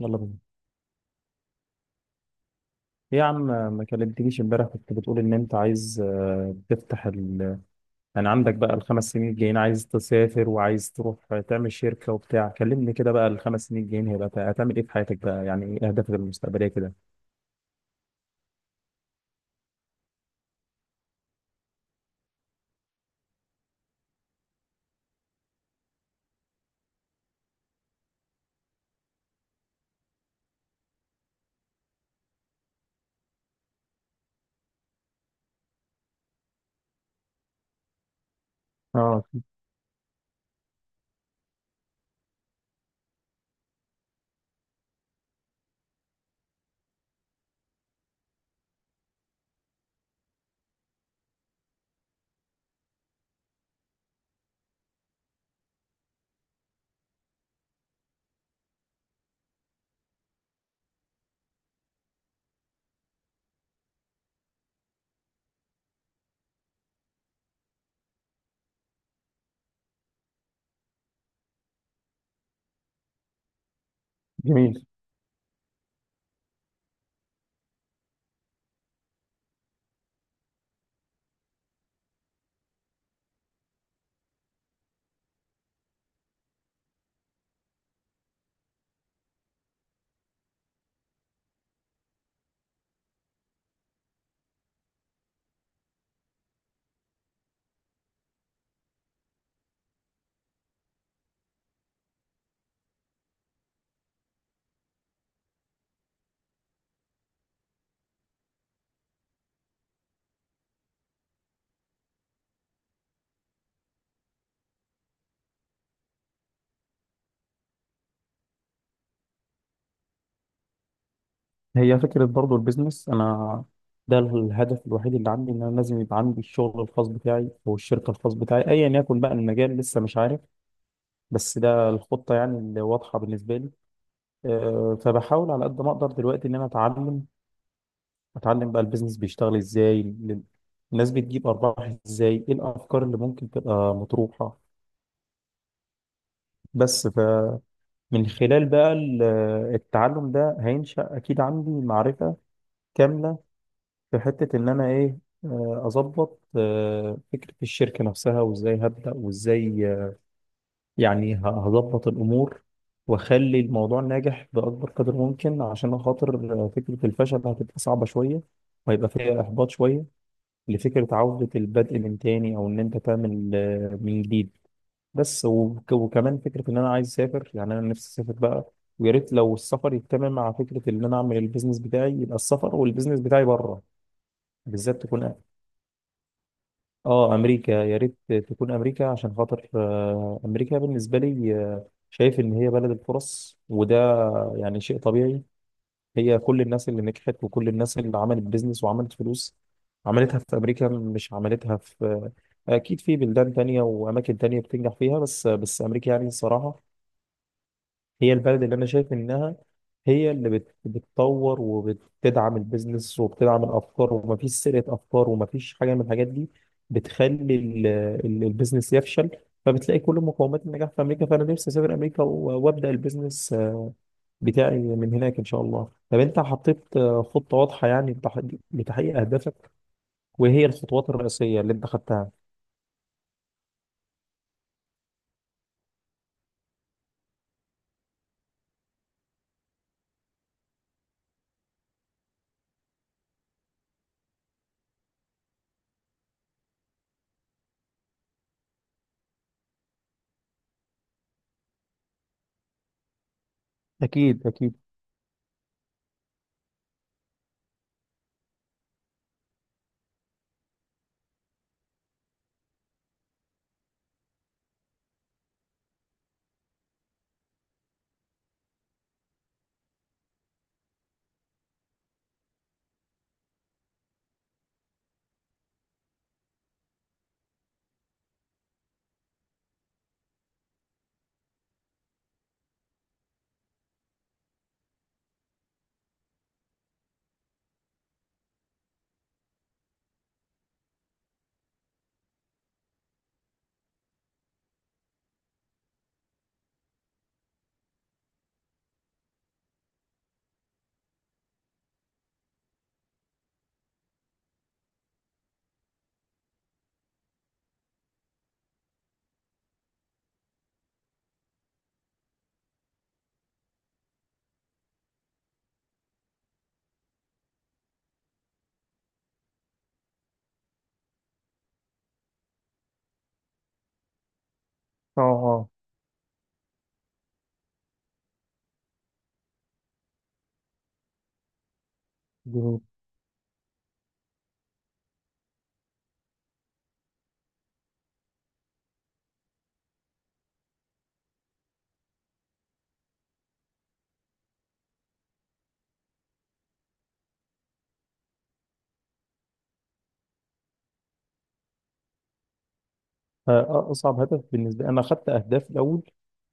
يلا بينا. إيه يا عم؟ ما كلمتنيش امبارح. كنت بتقول ان انت عايز، تفتح يعني عندك بقى الخمس سنين الجايين، عايز تسافر وعايز تروح تعمل شركة وبتاع. كلمني كده بقى، الخمس سنين الجايين هيبقى هتعمل ايه في حياتك بقى؟ يعني ايه اهدافك المستقبلية كده؟ اه. جميل. هي فكرة برضو البيزنس. أنا ده الهدف الوحيد اللي عندي، إن أنا لازم يبقى عندي الشغل الخاص بتاعي أو الشركة الخاص بتاعي، أيا يكن بقى المجال، لسه مش عارف. بس ده الخطة يعني اللي واضحة بالنسبة لي. فبحاول على قد ما اقدر دلوقتي ان انا اتعلم بقى البيزنس بيشتغل ازاي، الناس بتجيب ارباح ازاي، ايه الافكار اللي ممكن تبقى مطروحه. بس فمن خلال بقى التعلم ده هينشأ اكيد عندي معرفه كامله في حته، ان انا ايه، اظبط فكره الشركه نفسها وازاي هبدأ وازاي، يعني هظبط الأمور وأخلي الموضوع ناجح بأكبر قدر ممكن، عشان خاطر فكرة الفشل هتبقى صعبة شوية وهيبقى فيها إحباط شوية لفكرة عودة البدء من تاني، أو إن أنت تعمل من جديد. بس وكمان فكرة إن أنا عايز أسافر، يعني أنا نفسي أسافر بقى، ويا ريت لو السفر يتم مع فكرة إن أنا أعمل البيزنس بتاعي، يبقى السفر والبيزنس بتاعي بره. بالذات تكون، اه امريكا. يا ريت تكون امريكا عشان خاطر، امريكا بالنسبه لي، شايف ان هي بلد الفرص. وده يعني شيء طبيعي. هي كل الناس اللي نجحت وكل الناس اللي عملت بيزنس وعملت فلوس عملتها في امريكا، مش عملتها في، اكيد في بلدان تانية واماكن تانية بتنجح فيها، بس امريكا يعني الصراحه هي البلد اللي انا شايف انها هي اللي بتطور وبتدعم البيزنس وبتدعم الافكار، ومفيش سرقه افكار، ومفيش حاجه من الحاجات دي بتخلي البيزنس يفشل. فبتلاقي كل مقومات النجاح في امريكا، فانا نفسي اسافر امريكا وابدا البيزنس بتاعي من هناك ان شاء الله. طب انت حطيت خطه واضحه يعني لتحقيق اهدافك، وهي الخطوات الرئيسيه اللي انت خدتها؟ اكيد. اكيد. اه. اه. فأصعب هدف بالنسبة لي، أنا خدت أهداف الأول.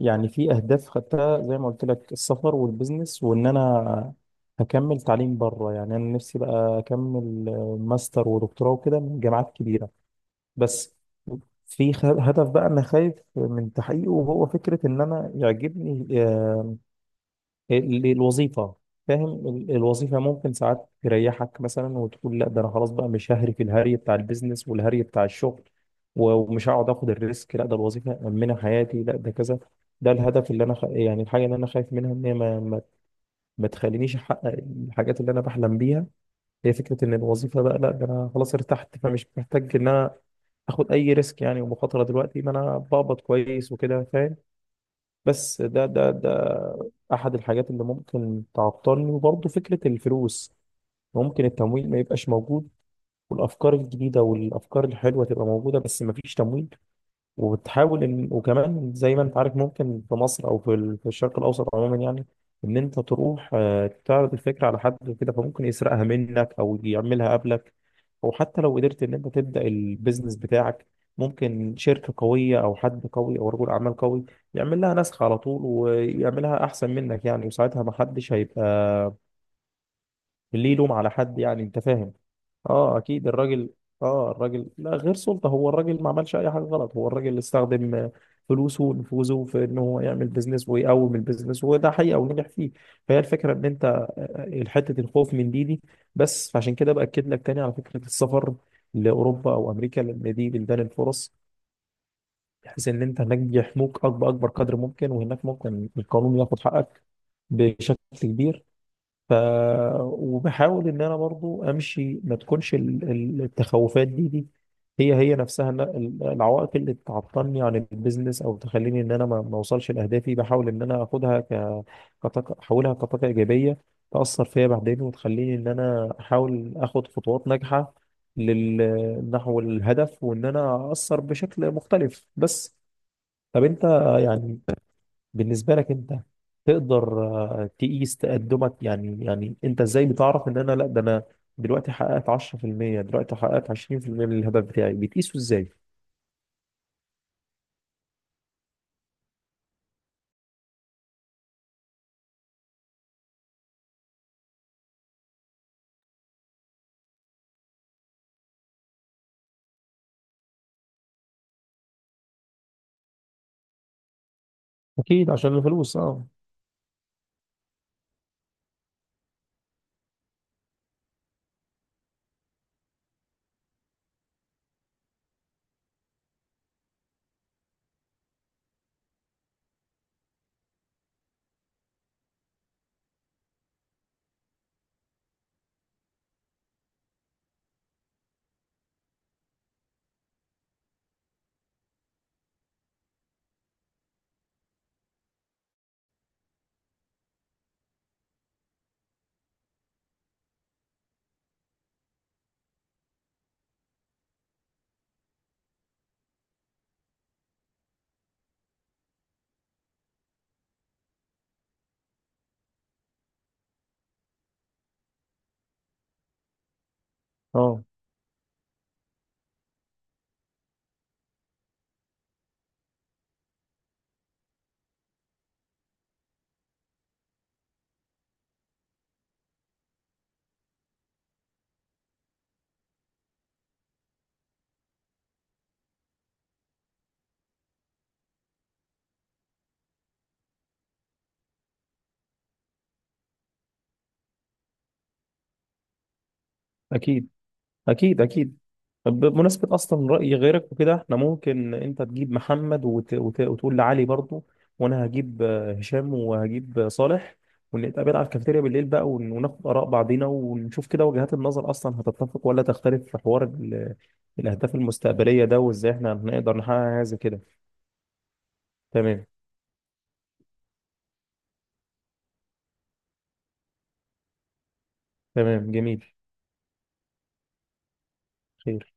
يعني في أهداف خدتها زي ما قلت لك: السفر والبزنس، وإن أنا هكمل تعليم بره، يعني أنا نفسي بقى أكمل ماستر ودكتوراه وكده من جامعات كبيرة. بس في هدف بقى أنا خايف من تحقيقه، وهو فكرة إن أنا يعجبني، الوظيفة. فاهم، الوظيفة ممكن ساعات تريحك مثلا وتقول: لا، ده أنا خلاص بقى مش ههري في الهري بتاع البيزنس والهري بتاع الشغل، ومش هقعد آخد الريسك، لا ده الوظيفة مأمنة حياتي، لا ده كذا. ده الهدف اللي أنا يعني الحاجة اللي أنا خايف منها إن هي ما تخلينيش أحقق الحاجات اللي أنا بحلم بيها. هي فكرة إن الوظيفة بقى، لا ده أنا خلاص ارتحت فمش محتاج إن أنا آخد أي ريسك يعني ومخاطرة، دلوقتي ما أنا بقبض كويس وكده. بس ده احد الحاجات اللي ممكن تعطلني. وبرضه فكره الفلوس، ممكن التمويل ما يبقاش موجود، والافكار الجديده والافكار الحلوه تبقى موجوده بس ما فيش تمويل. وبتحاول ان، وكمان زي ما انت عارف، ممكن في مصر او في في الشرق الاوسط عموما يعني، ان انت تروح تعرض الفكره على حد وكده، فممكن يسرقها منك او يعملها قبلك. او حتى لو قدرت ان انت تبدا البيزنس بتاعك، ممكن شركه قويه او حد قوي او رجل اعمال قوي يعمل لها نسخ على طول ويعملها احسن منك يعني، وساعتها ما حدش هيبقى اللي يلوم على حد. يعني انت فاهم. اه اكيد. الراجل، اه، الراجل لا غير سلطة. هو الراجل ما عملش اي حاجة غلط. هو الراجل اللي استخدم فلوسه ونفوذه في ان هو يعمل بيزنس ويقوم البيزنس، وده حقيقة ونجح فيه. فهي الفكرة ان انت، حتة الخوف من دي. بس فعشان كده بأكد لك تاني على فكرة السفر لأوروبا أو أمريكا، لأن دي بلدان الفرص، بحيث ان انت هناك يحموك أكبر أكبر قدر ممكن، وهناك ممكن القانون ياخد حقك بشكل كبير. ف وبحاول ان انا برضو امشي، ما تكونش التخوفات دي هي هي نفسها إن العوائق اللي تعطلني عن البيزنس او تخليني ان انا ما اوصلش لاهدافي. بحاول ان انا اخدها كطاقه، احولها كطاقه ايجابيه تاثر فيا بعدين وتخليني ان انا احاول اخد خطوات ناجحه نحو الهدف، وان انا اثر بشكل مختلف. بس طب انت، يعني بالنسبة لك انت، تقدر تقيس تقدمك؟ يعني انت ازاي بتعرف ان انا لا ده انا دلوقتي حققت 10%، دلوقتي حققت 20% من الهدف بتاعي؟ بتقيسه ازاي؟ اكيد عشان الفلوس. اه. اه. اكيد. اكيد. اكيد. طب بمناسبة أصلا رأي غيرك وكده، احنا ممكن أنت تجيب محمد وتقول لعلي برضو، وأنا هجيب هشام وهجيب صالح، ونتقابل على الكافيتيريا بالليل بقى وناخد آراء بعضينا، ونشوف كده وجهات النظر أصلا هتتفق ولا تختلف في حوار الأهداف المستقبلية ده، وإزاي احنا هنقدر نحقق حاجة زي كده. تمام. تمام. جميل. خير.